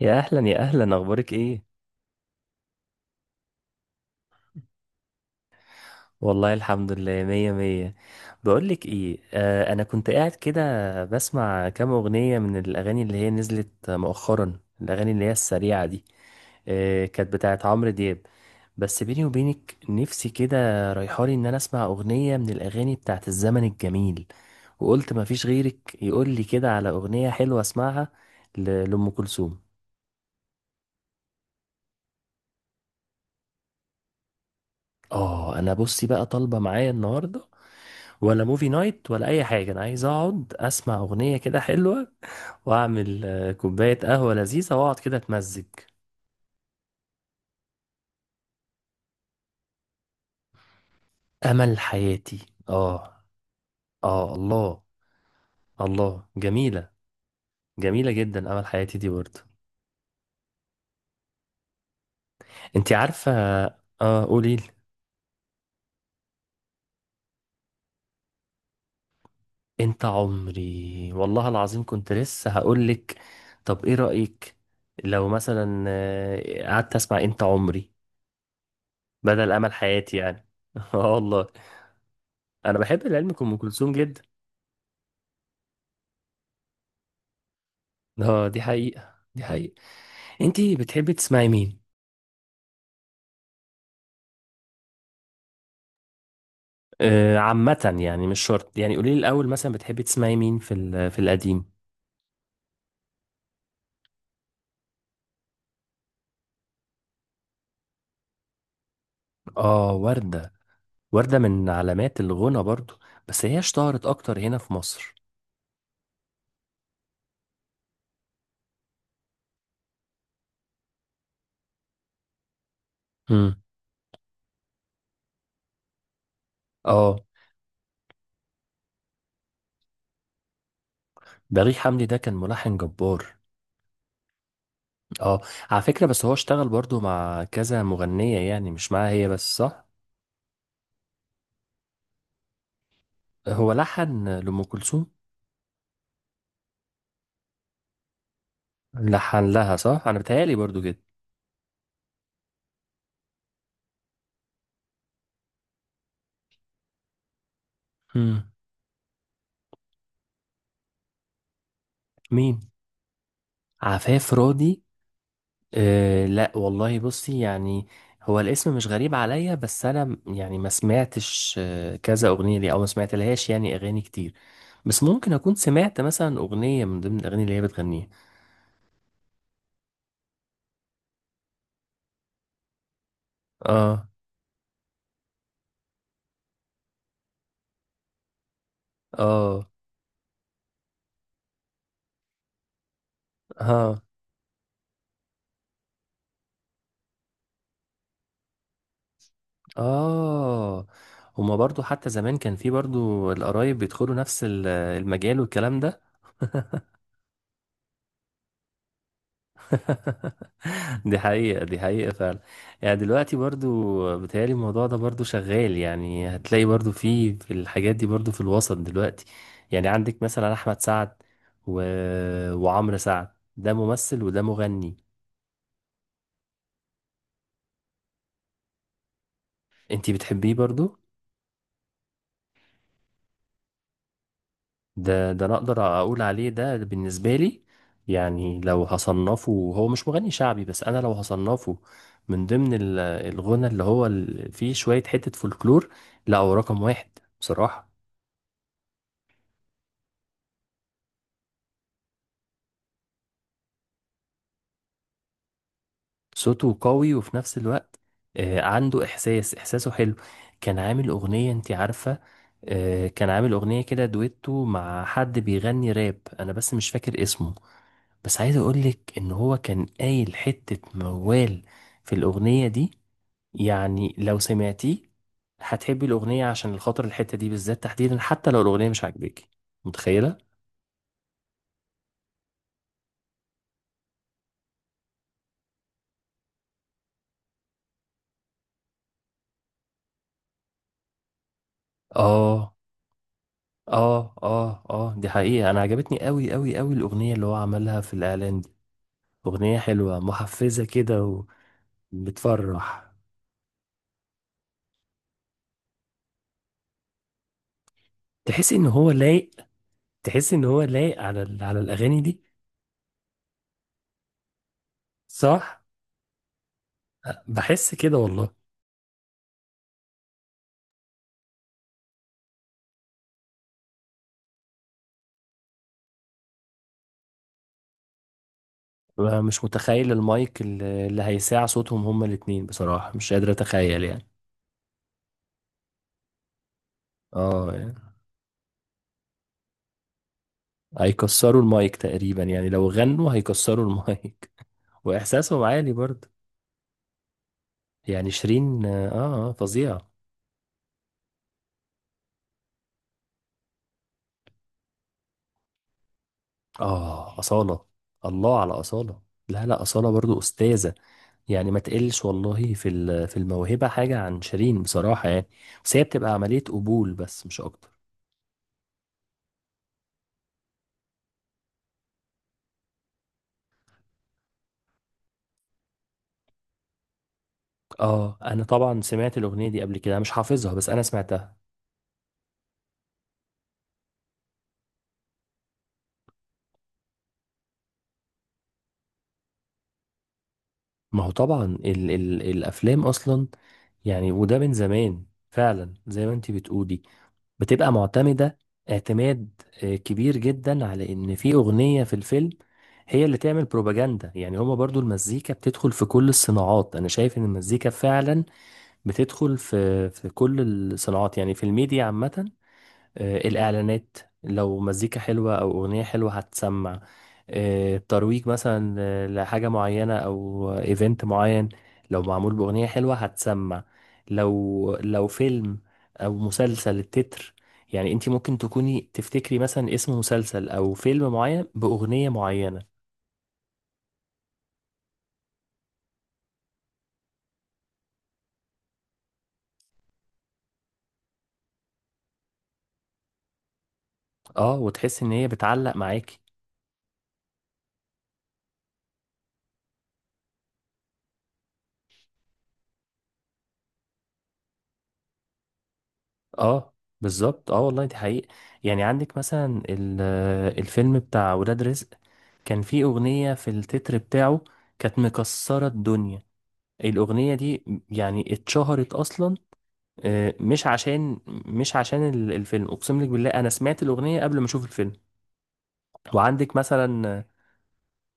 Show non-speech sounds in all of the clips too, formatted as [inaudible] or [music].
يا اهلا يا اهلا، اخبارك ايه؟ والله الحمد لله مية مية. بقولك ايه، انا كنت قاعد كده بسمع كام اغنية من الاغاني اللي هي نزلت مؤخرا، الاغاني اللي هي السريعة دي. كانت بتاعت عمرو دياب. بس بيني وبينك نفسي كده رايحالي ان انا اسمع اغنية من الاغاني بتاعت الزمن الجميل، وقلت مفيش غيرك يقولي كده على اغنية حلوة اسمعها، لأم كلثوم. اه، انا بصي بقى طالبة معايا النهاردة، ولا موفي نايت، ولا اي حاجه. انا عايز اقعد اسمع اغنيه كده حلوه واعمل كوبايه قهوه لذيذه واقعد كده اتمزج. امل حياتي، اه. اه الله. الله، جميله، جميله جدا امل حياتي دي برضه. انت عارفه؟ اه، قولي لي. انت عمري، والله العظيم كنت لسه هقول لك. طب ايه رايك لو مثلا قعدت اسمع انت عمري بدل امل حياتي يعني؟ [laughs] اه والله. انا بحب العلم ام كلثوم جدا. اه، دي حقيقة دي حقيقة. انتي بتحبي تسمعي مين؟ عامة يعني مش شرط، يعني قولي لي الأول مثلا بتحبي تسمعي مين في القديم؟ اه، وردة. وردة من علامات الغنى برضو. بس هي اشتهرت أكتر هنا في مصر. امم. اه، بليغ حمدي ده كان ملحن جبار. اه، على فكرة بس هو اشتغل برضو مع كذا مغنية، يعني مش معاها هي بس، صح؟ هو لحن لأم كلثوم، لحن لها صح، أنا بتهيألي برضو كده. امم. مين؟ عفاف راضي؟ أه، لا والله، بصي يعني هو الاسم مش غريب عليا، بس انا يعني ما سمعتش كذا اغنيه ليه، او ما سمعتلهاش يعني اغاني كتير. بس ممكن اكون سمعت مثلا اغنيه من ضمن الاغاني اللي هي بتغنيها. اه، اه، اه، اه. هما برضو حتى زمان كان في برضو القرايب بيدخلوا نفس المجال والكلام ده. [laughs] دي حقيقة دي حقيقة فعلا. يعني دلوقتي برضو بتهيألي الموضوع ده برضو شغال، يعني هتلاقي برضو في الحاجات دي برضو في الوسط دلوقتي. يعني عندك مثلا أحمد سعد و... وعمرو سعد. ده ممثل وده مغني. انتي بتحبيه برضو؟ ده أنا أقدر أقول عليه، ده بالنسبة لي يعني لو هصنفه، هو مش مغني شعبي، بس أنا لو هصنفه من ضمن الغنى اللي هو فيه شوية حتة فولكلور، لا هو رقم واحد بصراحة. صوته قوي وفي نفس الوقت عنده احساس، احساسه حلو. كان عامل اغنية، انت عارفة؟ كان عامل اغنية كده دويتو مع حد بيغني راب، انا بس مش فاكر اسمه، بس عايز اقولك ان هو كان قايل حتة موال في الاغنية دي. يعني لو سمعتيه هتحبي الاغنية عشان الخاطر الحتة دي بالذات تحديدا، حتى لو الاغنية مش عاجباكي. متخيلة؟ اه، اه، اه، اه، دي حقيقة. انا عجبتني قوي قوي قوي الاغنية اللي هو عملها في الاعلان دي. أغنية حلوة محفزة كده وبتفرح. تحس إن هو لايق، تحس إن هو لايق على على الأغاني دي. صح، بحس كده والله. أنا مش متخيل المايك اللي هيساع صوتهم هما الاتنين بصراحة، مش قادر أتخيل يعني. اه يعني هيكسروا المايك تقريبا، يعني لو غنوا هيكسروا المايك. [laughs] وإحساسهم عالي برضه. يعني شيرين، اه، فظيعة. اه، أصالة. الله على أصالة. لا لا، أصالة برضو أستاذة. يعني ما تقلش والله في الموهبة حاجة عن شيرين بصراحة يعني، بس هي بتبقى عملية قبول بس مش أكتر. اه، انا طبعا سمعت الاغنيه دي قبل كده، مش حافظها بس انا سمعتها. ما هو طبعا ال ال الافلام اصلا، يعني وده من زمان فعلا زي ما انتي بتقولي، بتبقى معتمدة اعتماد كبير جدا على ان في اغنية في الفيلم هي اللي تعمل بروباجندا. يعني هما برضو المزيكا بتدخل في كل الصناعات، انا شايف ان المزيكا فعلا بتدخل في كل الصناعات، يعني في الميديا عامة. الإعلانات، لو مزيكا حلوة أو أغنية حلوة هتسمع. الترويج مثلا لحاجة معينة أو إيفنت معين، لو معمول بأغنية حلوة هتسمع. لو فيلم أو مسلسل، التتر، يعني أنت ممكن تكوني تفتكري مثلا اسم مسلسل أو فيلم معين بأغنية معينة. اه، وتحس إن هي بتعلق معاكي. اه بالظبط، اه والله دي حقيقة. يعني عندك مثلا الفيلم بتاع ولاد رزق، كان في أغنية في التتر بتاعه كانت مكسرة الدنيا الأغنية دي. يعني اتشهرت أصلا مش عشان، مش عشان الفيلم. أقسم لك بالله أنا سمعت الأغنية قبل ما أشوف الفيلم. وعندك مثلا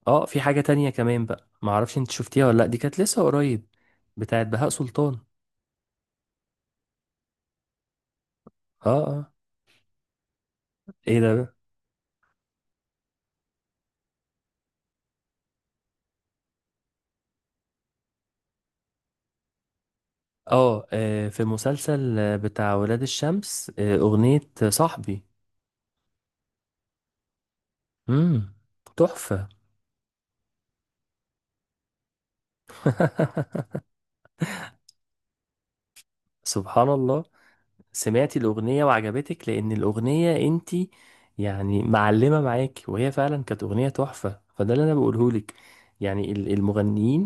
في حاجة تانية كمان بقى معرفش أنت شفتيها ولا لأ، دي كانت لسه قريب، بتاعت بهاء سلطان. آه آه. إيه ده بقى؟ في مسلسل بتاع ولاد الشمس، أغنية صاحبي. مم. تحفة. [laughs] سبحان الله. سمعتي الأغنية وعجبتك لأن الأغنية انتي يعني معلمة معاكي، وهي فعلا كانت أغنية تحفة، فده اللي أنا بقولهولك. يعني المغنيين،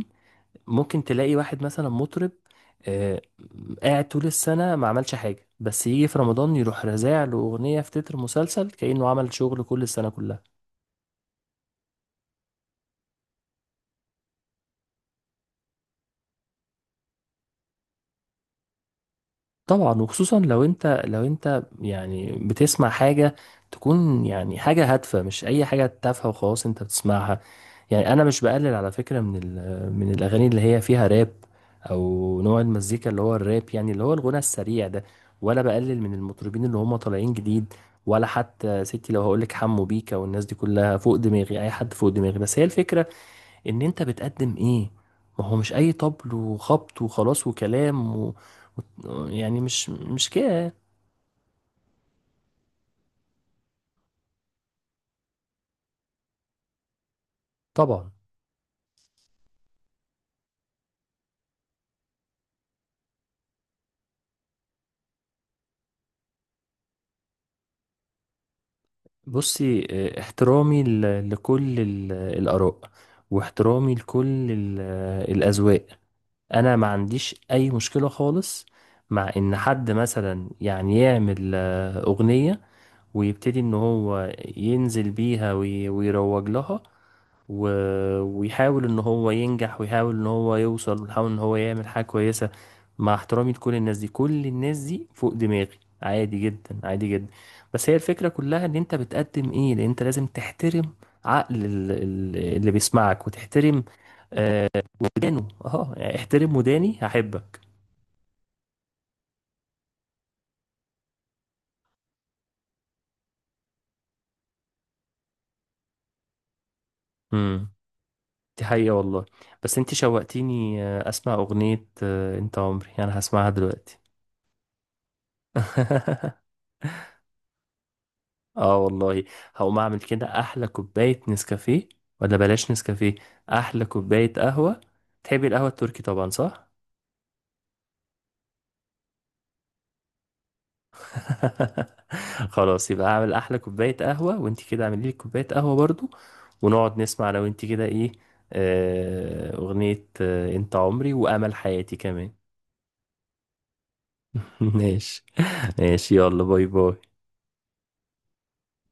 ممكن تلاقي واحد مثلا مطرب آه قاعد طول السنة ما عملش حاجة، بس يجي في رمضان يروح رازع له أغنية في تتر مسلسل كأنه عمل شغل كل السنة كلها. طبعا، وخصوصا لو انت يعني بتسمع حاجة تكون يعني حاجة هادفة، مش أي حاجة تافهة وخلاص انت بتسمعها. يعني انا مش بقلل على فكرة من من الاغاني اللي هي فيها راب، او نوع المزيكا اللي هو الراب، يعني اللي هو الغنى السريع ده. ولا بقلل من المطربين اللي هم طالعين جديد. ولا حتى ستي لو هقولك حمو بيكا والناس دي كلها فوق دماغي، اي حد فوق دماغي، بس هي الفكرة ان انت بتقدم ايه. ما هو مش اي طبل وخبط وخلاص وكلام يعني مش كده. طبعا. بصي احترامي لكل الآراء، واحترامي لكل الأذواق. أنا ما عنديش أي مشكلة خالص مع إن حد مثلا يعني يعمل أغنية ويبتدي ان هو ينزل بيها ويروج لها، و... ويحاول ان هو ينجح، ويحاول ان هو يوصل، ويحاول ان هو يعمل حاجة كويسة. مع احترامي لكل الناس دي، كل الناس دي فوق دماغي عادي جدا عادي جدا. بس هي الفكرة كلها ان انت بتقدم ايه، لان انت لازم تحترم عقل اللي بيسمعك وتحترم، آه، ودانه. اه يعني احترم وداني هحبك. مم. دي حقيقة والله. بس انت شوقتيني اسمع اغنية انت عمري. انا هسمعها دلوقتي. [laughs] اه والله، هقوم اعمل كده احلى كوباية نسكافيه، ولا بلاش نسكافيه، احلى كوباية قهوة. تحبي القهوة التركي طبعا، صح؟ [laughs] خلاص يبقى اعمل احلى كوباية قهوة، وانت كده اعملي لي كوباية قهوة برضو، ونقعد نسمع لو انت كده ايه، اغنية انت عمري وامل حياتي كمان. [laughs] ماشي. ماشي، يلا باي باي.